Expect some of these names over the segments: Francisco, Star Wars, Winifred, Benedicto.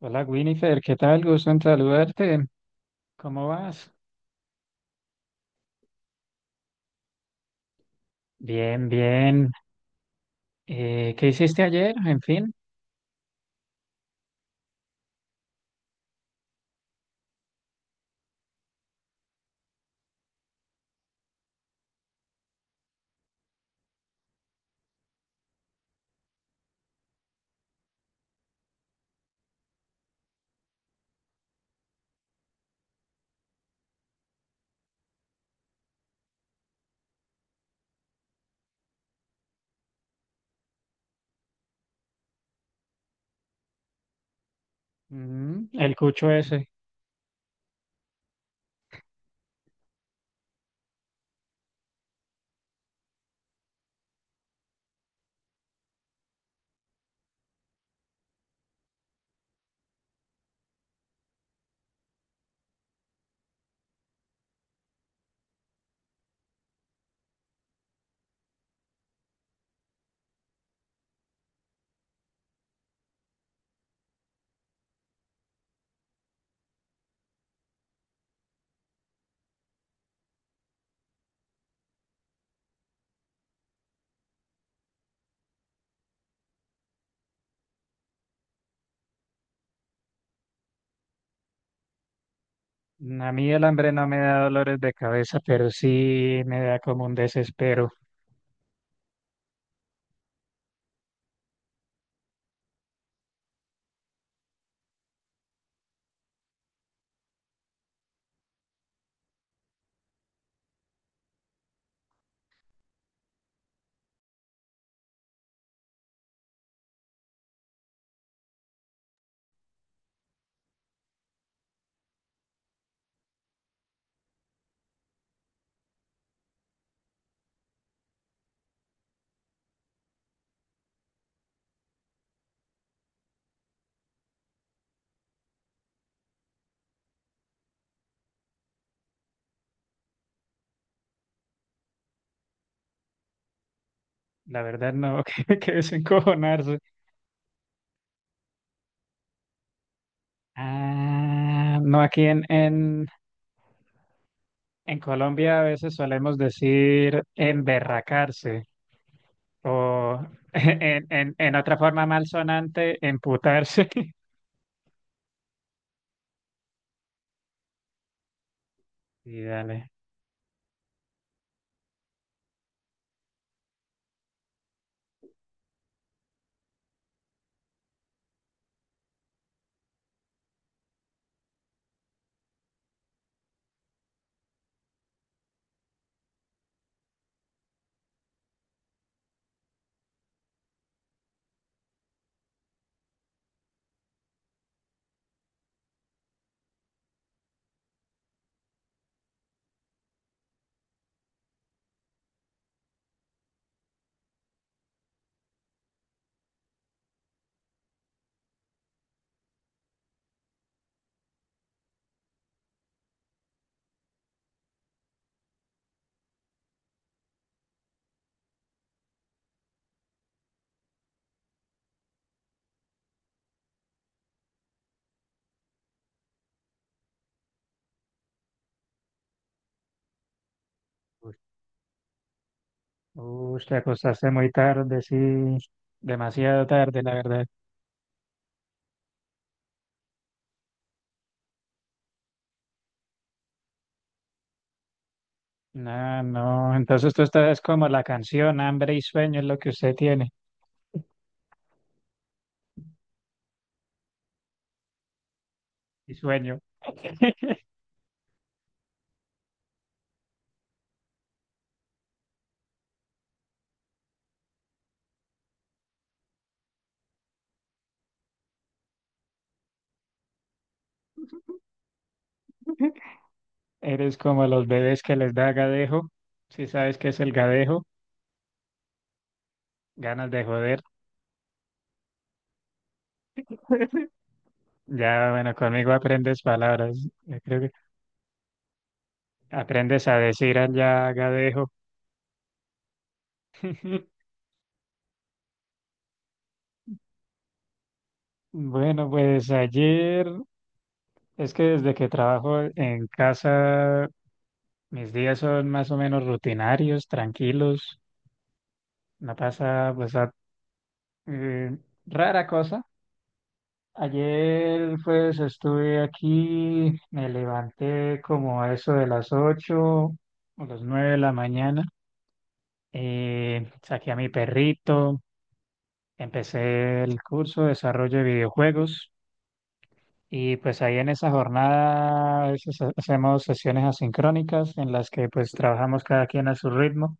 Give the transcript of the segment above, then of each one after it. Hola Winifred, ¿qué tal? Gusto en saludarte. ¿Cómo vas? Bien, bien. ¿Qué hiciste ayer? En fin. Mm, el cucho ese. Mm, a mí el hambre no me da dolores de cabeza, pero sí me da como un desespero. La verdad no, que desencojonarse. Ah, no, aquí en Colombia a veces solemos decir emberracarse o en otra forma malsonante, emputarse. Y dale. Uy, te acostaste muy tarde, sí, demasiado tarde, la verdad. No, no, entonces tú estás como la canción, hambre y sueño es lo que usted tiene, y sueño. Eres como los bebés que les da gadejo, si sabes qué es el gadejo, ganas de joder. Ya, bueno, conmigo aprendes palabras, yo creo que aprendes a decir allá gadejo. Bueno, pues ayer, es que desde que trabajo en casa mis días son más o menos rutinarios, tranquilos. No pasa, pues, eh, rara cosa. Ayer, pues, estuve aquí, me levanté como a eso de las 8 o las 9 de la mañana. Saqué a mi perrito, empecé el curso de desarrollo de videojuegos. Y pues ahí en esa jornada a veces hacemos sesiones asincrónicas en las que pues trabajamos cada quien a su ritmo.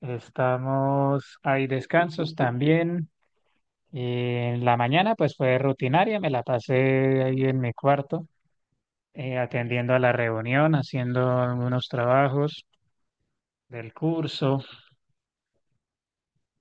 Estamos, hay descansos también. Y en la mañana pues fue rutinaria, me la pasé ahí en mi cuarto, atendiendo a la reunión, haciendo algunos trabajos del curso,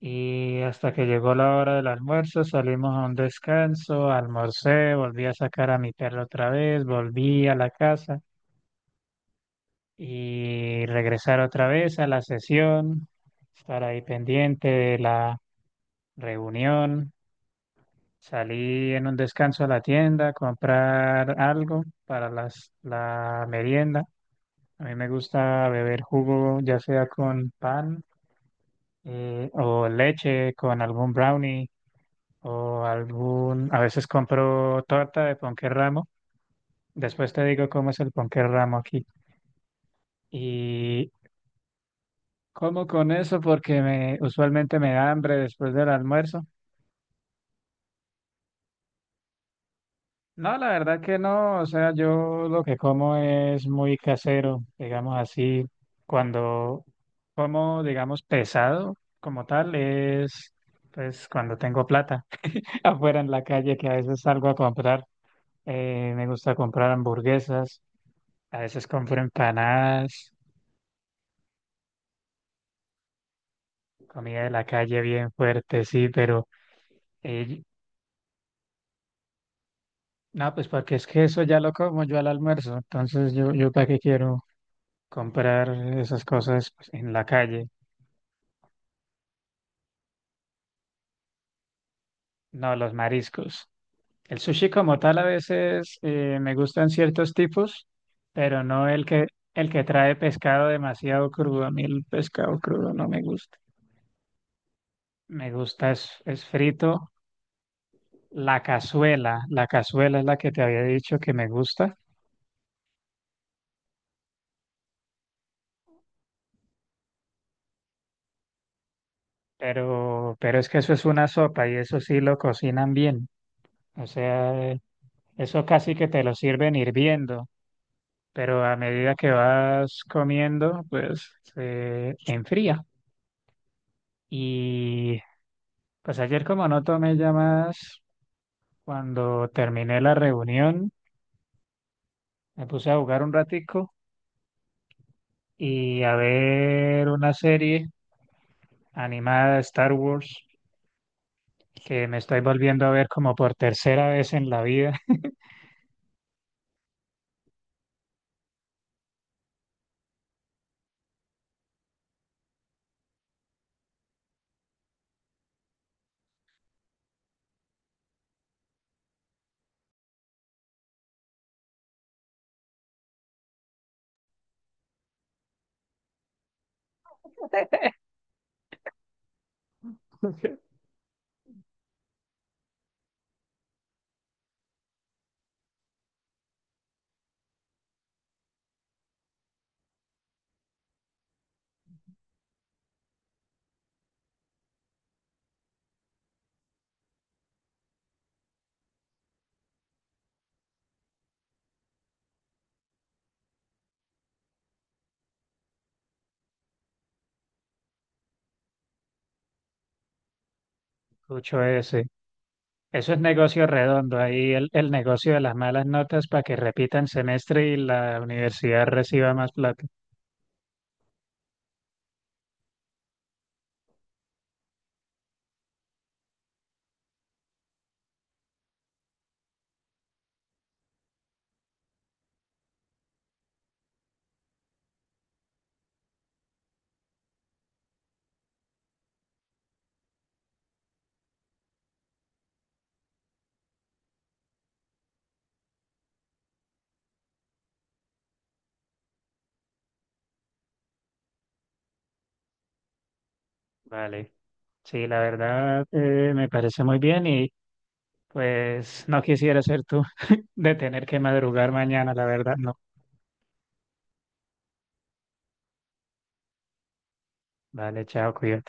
y hasta que llegó la hora del almuerzo salimos a un descanso, almorcé, volví a sacar a mi perro otra vez, volví a la casa y regresar otra vez a la sesión, estar ahí pendiente de la reunión. Salí en un descanso a la tienda a comprar algo para la merienda. A mí me gusta beber jugo, ya sea con pan o leche, con algún brownie o algún... A veces compro torta de ponqué ramo. Después te digo cómo es el ponqué ramo aquí. Y como con eso porque me, usualmente me da hambre después del almuerzo. No, la verdad que no, o sea, yo lo que como es muy casero, digamos así, cuando como, digamos, pesado como tal, es pues cuando tengo plata afuera en la calle que a veces salgo a comprar, me gusta comprar hamburguesas, a veces compro empanadas, comida de la calle bien fuerte, sí, pero eh, no, pues porque es que eso ya lo como yo al almuerzo, entonces yo para qué quiero comprar esas cosas pues, en la calle. No, los mariscos. El sushi como tal a veces me gustan ciertos tipos, pero no el que trae pescado demasiado crudo. A mí el pescado crudo no me gusta. Me gusta es frito. La cazuela es la que te había dicho que me gusta, pero es que eso es una sopa y eso sí lo cocinan bien. O sea, eso casi que te lo sirven hirviendo, pero a medida que vas comiendo, pues se enfría. Y pues ayer como no tomé llamadas, cuando terminé la reunión, me puse a jugar un ratico y a ver una serie animada de Star Wars que me estoy volviendo a ver como por tercera vez en la vida. Escucho ese. Eso es negocio redondo, ahí el negocio de las malas notas para que repitan semestre y la universidad reciba más plata. Vale. Sí, la verdad me parece muy bien. Y pues no quisiera ser tú de tener que madrugar mañana, la verdad, no. Vale, chao, cuídate.